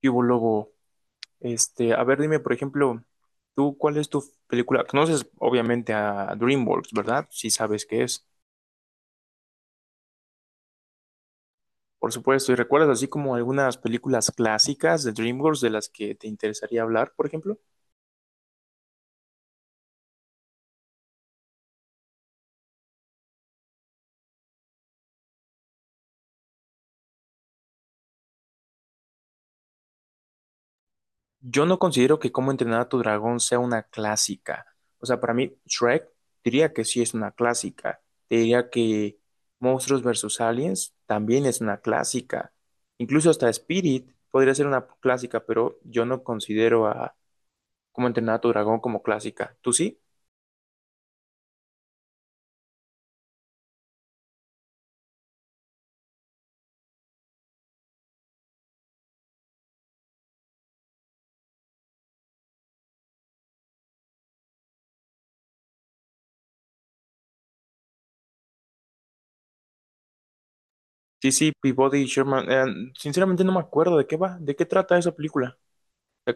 ¿Qué hubo, Lobo? A ver, dime, por ejemplo, tú, ¿cuál es tu película? Conoces, obviamente, a DreamWorks, ¿verdad? Sí sabes qué es. Por supuesto, ¿y recuerdas así como algunas películas clásicas de DreamWorks de las que te interesaría hablar, por ejemplo? Yo no considero que Cómo entrenar a tu dragón sea una clásica. O sea, para mí, Shrek diría que sí es una clásica. Te diría que Monstruos versus Aliens también es una clásica. Incluso hasta Spirit podría ser una clásica, pero yo no considero a como entrenar a tu dragón como clásica. ¿Tú sí? Sí, sí, Peabody y Sherman. Sinceramente no me acuerdo de qué va, de qué trata esa película. Eh,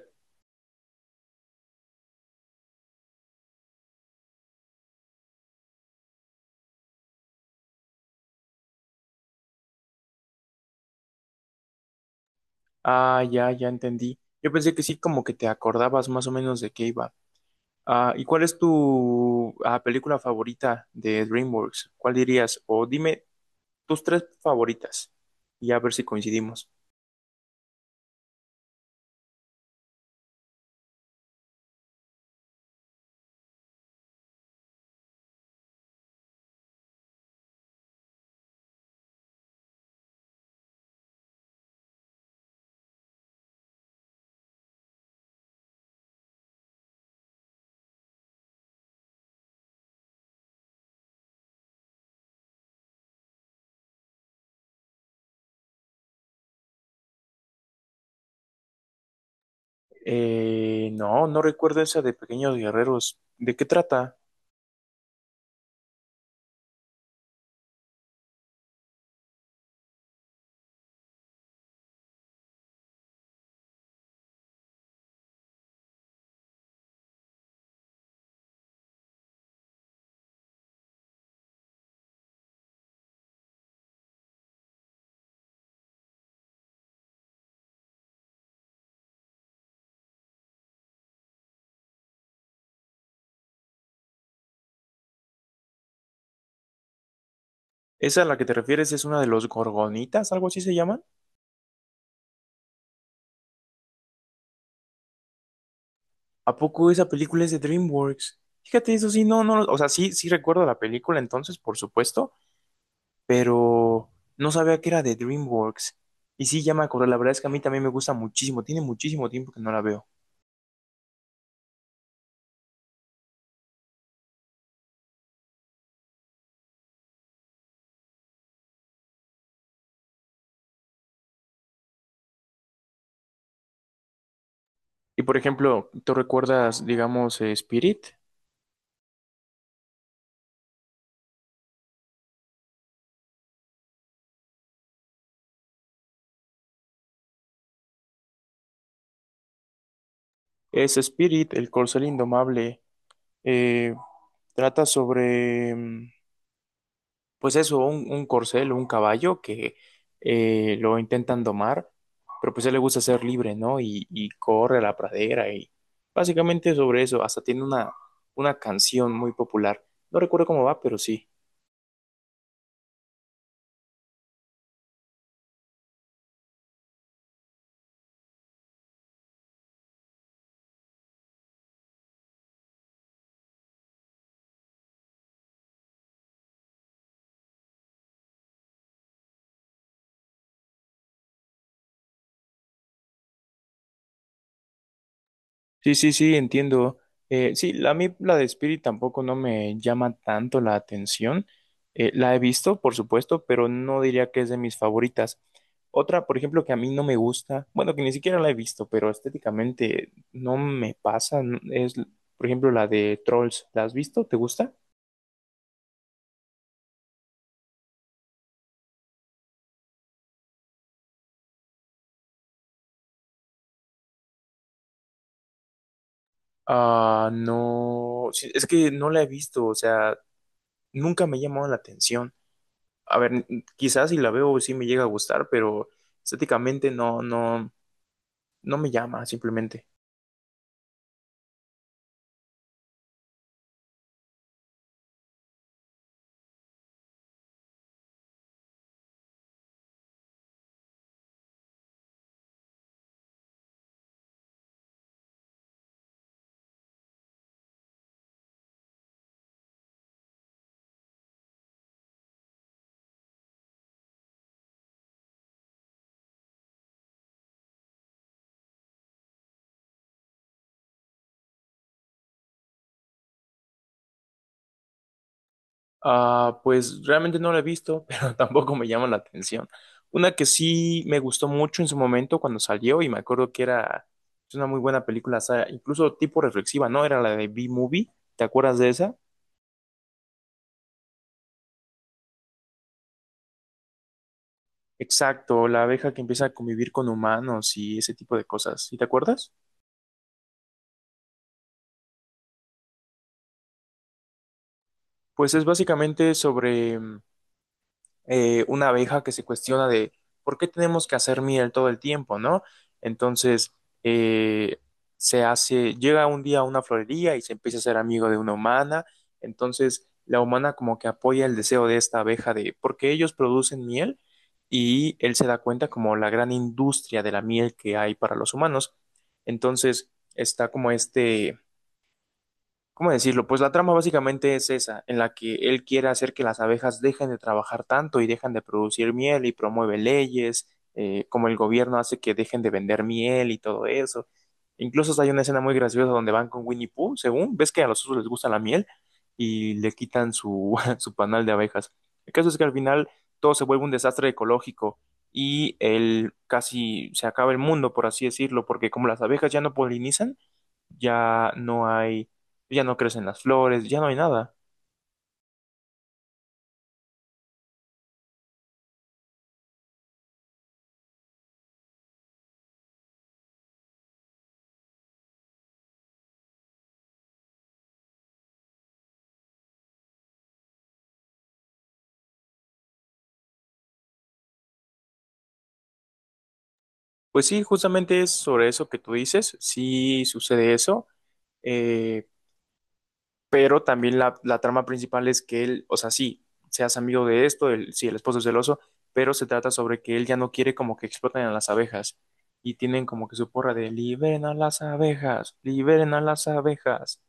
Ah, ya, ya entendí. Yo pensé que sí, como que te acordabas más o menos de qué iba. Ah, ¿y cuál es tu película favorita de DreamWorks? ¿Cuál dirías? O dime tus tres favoritas y a ver si coincidimos. No, no recuerdo esa de Pequeños Guerreros. ¿De qué trata? ¿Esa a la que te refieres es una de los Gorgonitas, algo así se llama? ¿A poco esa película es de DreamWorks? Fíjate, eso sí, no, no, o sea, sí, sí recuerdo la película entonces, por supuesto, pero no sabía que era de DreamWorks. Y sí, ya me acordé, la verdad es que a mí también me gusta muchísimo, tiene muchísimo tiempo que no la veo. Y por ejemplo, ¿tú recuerdas, digamos, Spirit? Es Spirit, el corcel indomable, eh, trata sobre... mm, pues eso, un corcel o un caballo que lo intentan domar, pero pues a él le gusta ser libre, ¿no? Y corre a la pradera y básicamente sobre eso, hasta tiene una canción muy popular. No recuerdo cómo va, pero sí. Sí, sí, sí, entiendo. Sí, a mí la de Spirit tampoco no me llama tanto la atención. La he visto, por supuesto, pero no diría que es de mis favoritas. Otra, por ejemplo, que a mí no me gusta, bueno, que ni siquiera la he visto, pero estéticamente no me pasa, es, por ejemplo, la de Trolls. ¿La has visto? ¿Te gusta? Ah, no, sí, es que no la he visto, o sea, nunca me ha llamado la atención. A ver, quizás si la veo sí me llega a gustar, pero estéticamente no, no. No me llama, simplemente. Ah, pues realmente no la he visto, pero tampoco me llama la atención. Una que sí me gustó mucho en su momento cuando salió y me acuerdo que era es una muy buena película, o sea, incluso tipo reflexiva, ¿no? Era la de B-Movie, ¿te acuerdas de esa? Exacto, la abeja que empieza a convivir con humanos y ese tipo de cosas, ¿sí te acuerdas? Pues es básicamente sobre una abeja que se cuestiona de por qué tenemos que hacer miel todo el tiempo, ¿no? Entonces, eh, se hace, llega un día a una florería y se empieza a ser amigo de una humana, entonces la humana como que apoya el deseo de esta abeja de porque ellos producen miel y él se da cuenta como la gran industria de la miel que hay para los humanos. Entonces, está como ¿cómo decirlo? Pues la trama básicamente es esa, en la que él quiere hacer que las abejas dejen de trabajar tanto y dejan de producir miel y promueve leyes, como el gobierno hace que dejen de vender miel y todo eso. Incluso hay una escena muy graciosa donde van con Winnie Pooh, según, ves que a los osos les gusta la miel y le quitan su, su panal de abejas. El caso es que al final todo se vuelve un desastre ecológico y él casi se acaba el mundo, por así decirlo, porque como las abejas ya no polinizan, ya no hay, ya no crecen las flores, ya no hay nada. Pues sí, justamente es sobre eso que tú dices, sí sucede eso, eh, pero también la trama principal es que él, o sea, sí, seas amigo de esto, sí, el esposo es celoso, pero se trata sobre que él ya no quiere como que exploten a las abejas y tienen como que su porra de liberen a las abejas, liberen a las abejas.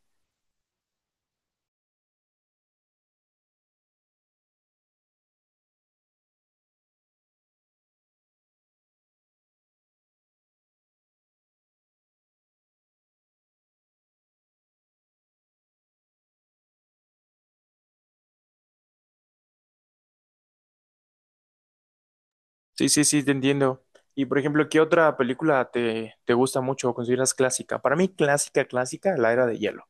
Sí, sí, sí, te entiendo. Y por ejemplo, ¿qué otra película te gusta mucho o consideras clásica? Para mí, clásica, clásica, La Era de Hielo.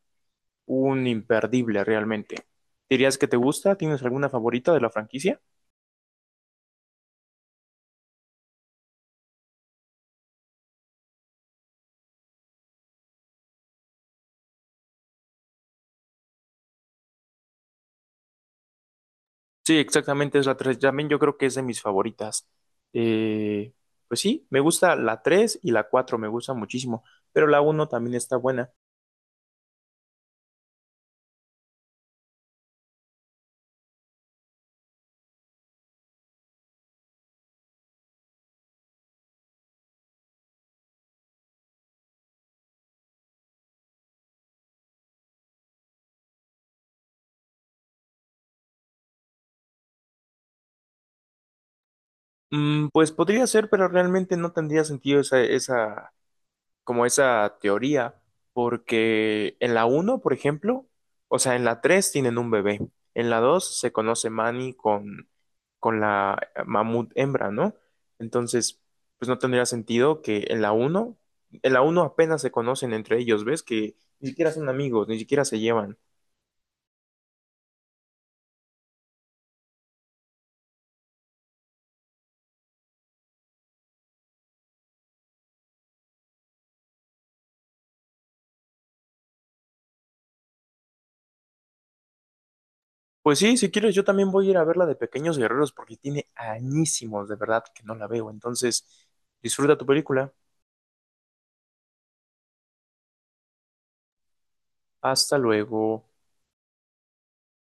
Un imperdible realmente. ¿Dirías que te gusta? ¿Tienes alguna favorita de la franquicia? Sí, exactamente, es la tres. También yo creo que es de mis favoritas. Eh, pues sí, me gusta la 3 y la 4 me gusta muchísimo, pero la uno también está buena. Pues podría ser, pero realmente no tendría sentido esa, como esa teoría, porque en la uno, por ejemplo, o sea, en la 3 tienen un bebé, en la 2 se conoce Manny con la mamut hembra, ¿no? Entonces, pues no tendría sentido que en la uno, apenas se conocen entre ellos, ¿ves? Que ni siquiera son amigos, ni siquiera se llevan. Pues sí, si quieres, yo también voy a ir a ver la de Pequeños Guerreros porque tiene añísimos, de verdad, que no la veo. Entonces, disfruta tu película. Hasta luego.